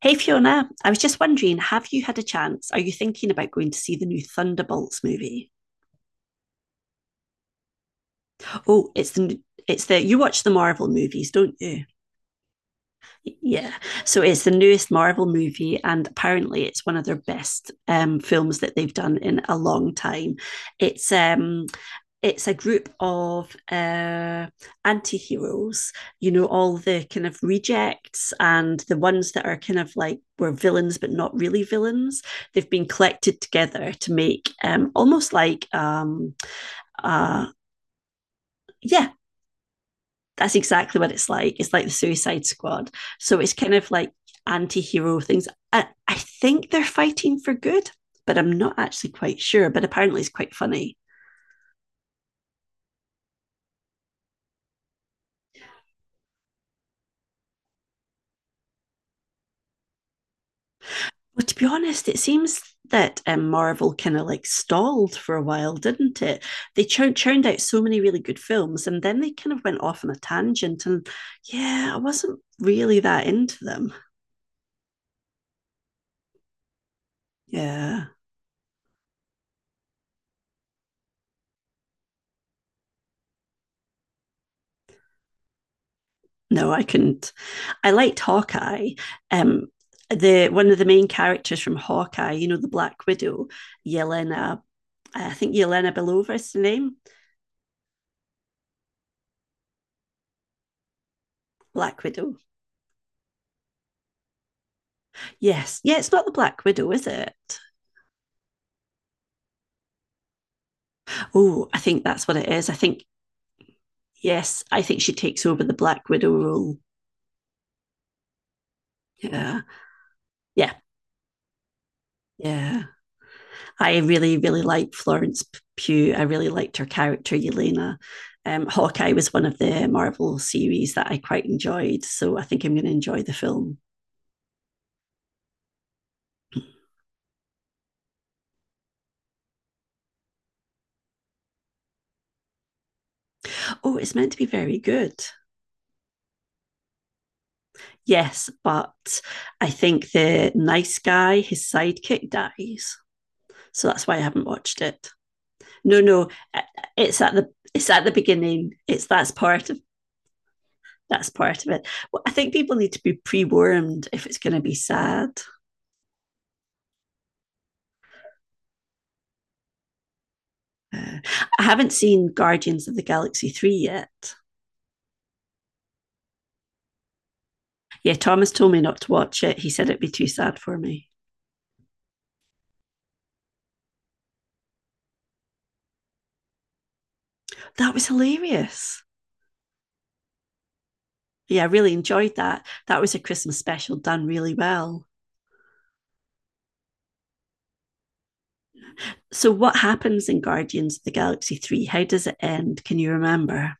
Hey Fiona, I was just wondering, have you had a chance? Are you thinking about going to see the new Thunderbolts movie? Oh, it's the you watch the Marvel movies, don't you? Yeah. So it's the newest Marvel movie, and apparently it's one of their best films that they've done in a long time. It's um, it's a group of anti-heroes, you know, all the kind of rejects and the ones that are kind of like were villains but not really villains. They've been collected together to make almost like uh, yeah, that's exactly what it's like. It's like the Suicide Squad. So it's kind of like anti-hero things. I think they're fighting for good, but I'm not actually quite sure. But apparently, it's quite funny. Well, to be honest, it seems that Marvel kind of like stalled for a while, didn't it? They churned out so many really good films, and then they kind of went off on a tangent. And yeah, I wasn't really that into them. Yeah, no, I couldn't. I liked Hawkeye. Um, the one of the main characters from Hawkeye, you know, the Black Widow, Yelena. I think Yelena Belova is the name. Black Widow. Yes. Yeah, it's not the Black Widow, is it? Oh, I think that's what it is. I think yes, I think she takes over the Black Widow role. Yeah. Yeah. Yeah. I really, really liked Florence Pugh. I really liked her character, Yelena. Hawkeye was one of the Marvel series that I quite enjoyed. So I think I'm going to enjoy the film. Oh, it's meant to be very good. Yes, but I think the nice guy, his sidekick, dies. So that's why I haven't watched it. No, no, uh, it's at the it's at the beginning. It's that's part of it. Well, I think people need to be pre-wormed if it's going to be sad. Uh, I haven't seen Guardians of the Galaxy 3 yet. Yeah, Thomas told me not to watch it. He said it'd be too sad for me. That was hilarious. Yeah, I really enjoyed that. That was a Christmas special done really well. So, what happens in Guardians of the Galaxy 3? How does it end? Can you remember?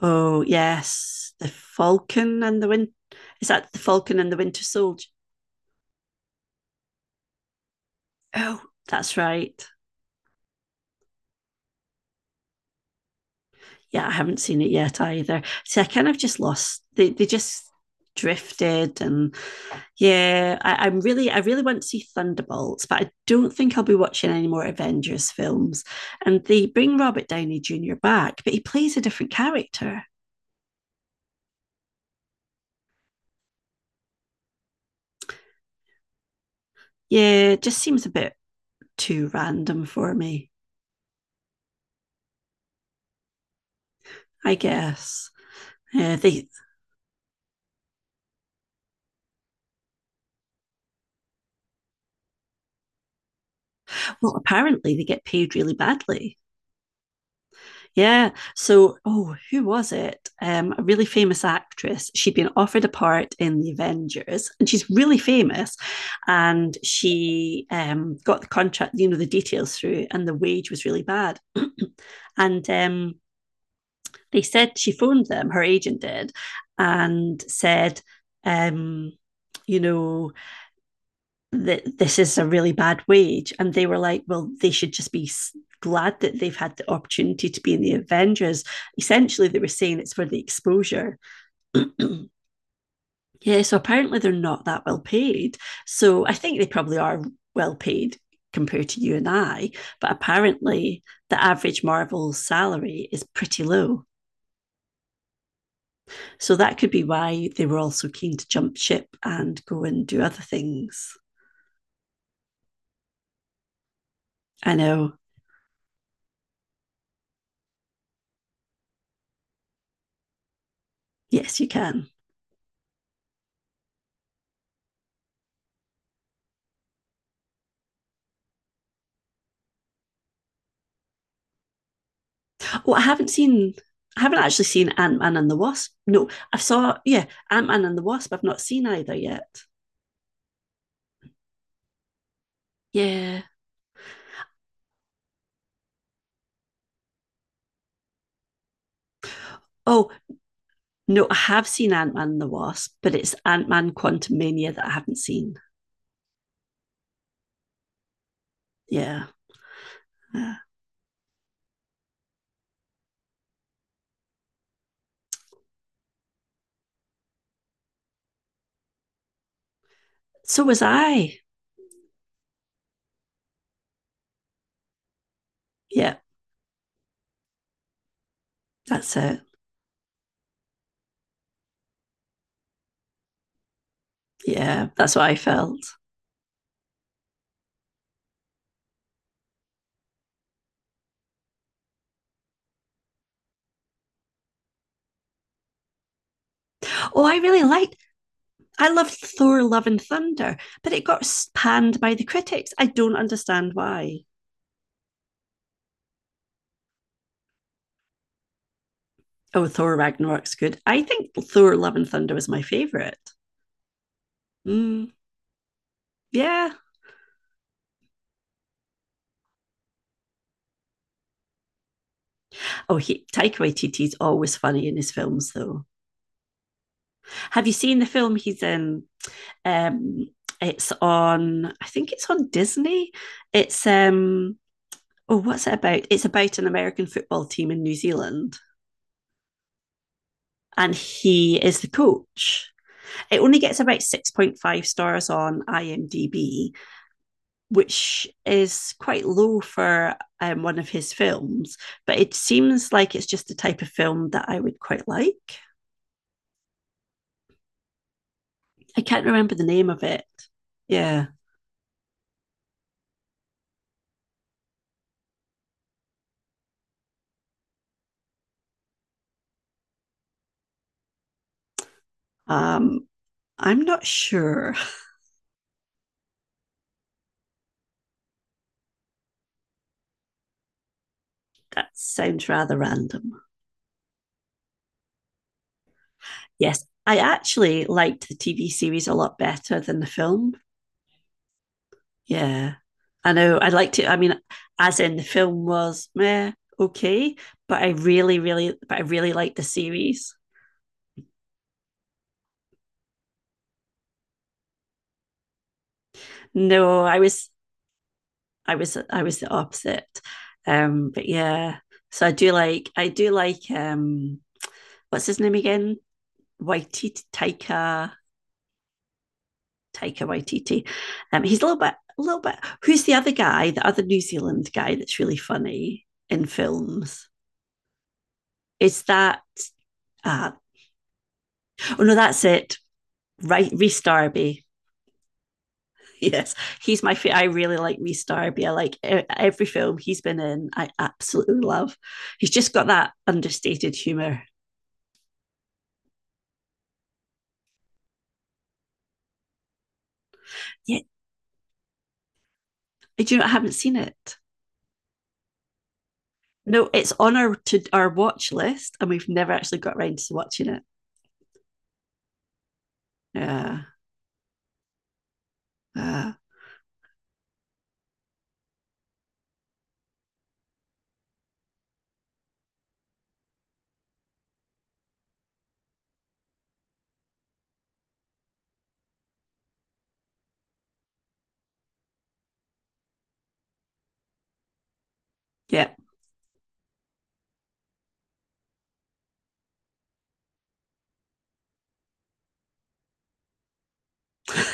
Oh, yes. The Falcon and the Winter. Is that the Falcon and the Winter Soldier? Oh, that's right. Yeah, I haven't seen it yet either. See, I kind of just lost. They just drifted. And yeah, I really want to see Thunderbolts, but I don't think I'll be watching any more Avengers films. And they bring Robert Downey Jr. back, but he plays a different character. Yeah, it just seems a bit too random for me, I guess. They Well, apparently they get paid really badly. Yeah. So, oh, who was it? A really famous actress. She'd been offered a part in the Avengers, and she's really famous. And she got the contract, you know, the details through, and the wage was really bad. And they said she phoned them, her agent did, and said, um, you know, that this is a really bad wage. And they were like, well, they should just be glad that they've had the opportunity to be in the Avengers. Essentially, they were saying it's for the exposure. Yeah, so apparently they're not that well paid. So I think they probably are well paid compared to you and I, but apparently the average Marvel salary is pretty low. So that could be why they were also keen to jump ship and go and do other things. I know. Yes, you can. Well, I haven't seen. I haven't actually seen Ant Man and the Wasp. No, I saw. Yeah, Ant Man and the Wasp. I've not seen either yet. Yeah. Oh no, I have seen Ant Man and the Wasp, but it's Ant Man Quantum Mania that I haven't seen. Yeah, yeah. So was I. Yeah, that's it. Yeah, that's what I felt. Oh, I really liked. I loved Thor: Love and Thunder, but it got panned by the critics. I don't understand why. Oh, Thor Ragnarok's good. I think Thor: Love and Thunder was my favorite. Mm. Yeah. Oh, he, Taika Waititi's always funny in his films, though. Have you seen the film he's in? Um, it's on. I think it's on Disney. It's. Oh, what's it about? It's about an American football team in New Zealand, and he is the coach. It only gets about 6.5 stars on IMDb, which is quite low for one of his films. But it seems like it's just the type of film that I would quite like. I can't remember the name of it. Yeah. Um, I'm not sure. That sounds rather random. Yes, I actually liked the TV series a lot better than the film. Yeah. I know I liked it. I mean, as in the film was meh, okay, but I really, really, but I really liked the series. No, I was the opposite. But yeah, so I do like, what's his name again? Waititi Taika Taika Waititi. He's a little bit, a little bit. Who's the other guy? The other New Zealand guy that's really funny in films. Is that? Uh, oh no, that's it. Right, Reese Darby. Yes, he's my favorite. I really like Reese Darby. I like every film he's been in. I absolutely love. He's just got that understated humor. Yeah, do you know? I haven't seen it. No, it's on our watch list, and we've never actually got around to watching it. Yeah, uh,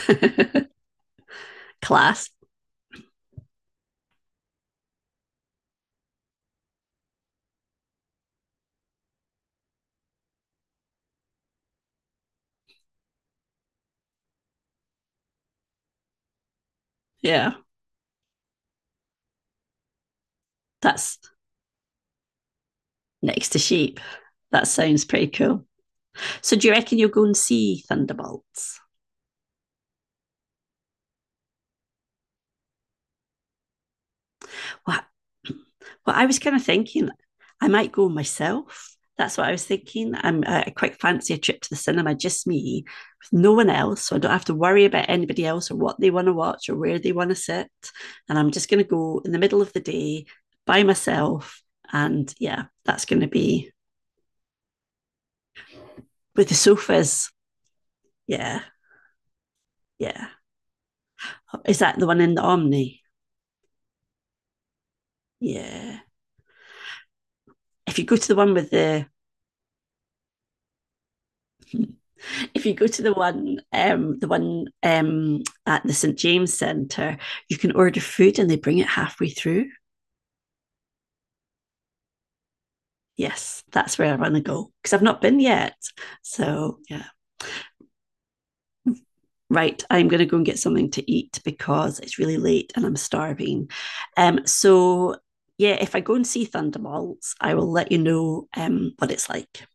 yeah. Class. Yeah, that's next to sheep. That sounds pretty cool. So do you reckon you'll go and see Thunderbolts? Well, I was kind of thinking I might go myself. That's what I was thinking. I quite fancy a trip to the cinema, just me, with no one else. So I don't have to worry about anybody else or what they want to watch or where they want to sit. And I'm just going to go in the middle of the day by myself. And yeah, that's going to be with the sofas. Yeah, yeah. Is that the one in the Omni? Yeah. If you go to the one with the, if you go to the one, at the St James Centre, you can order food and they bring it halfway through. Yes, that's where I want to go because I've not been yet. So yeah. Right, I'm going to go and get something to eat because it's really late and I'm starving. Um, so yeah, if I go and see Thunderbolts, I will let you know what it's like.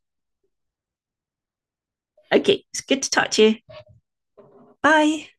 Okay, it's good to talk to you. Bye.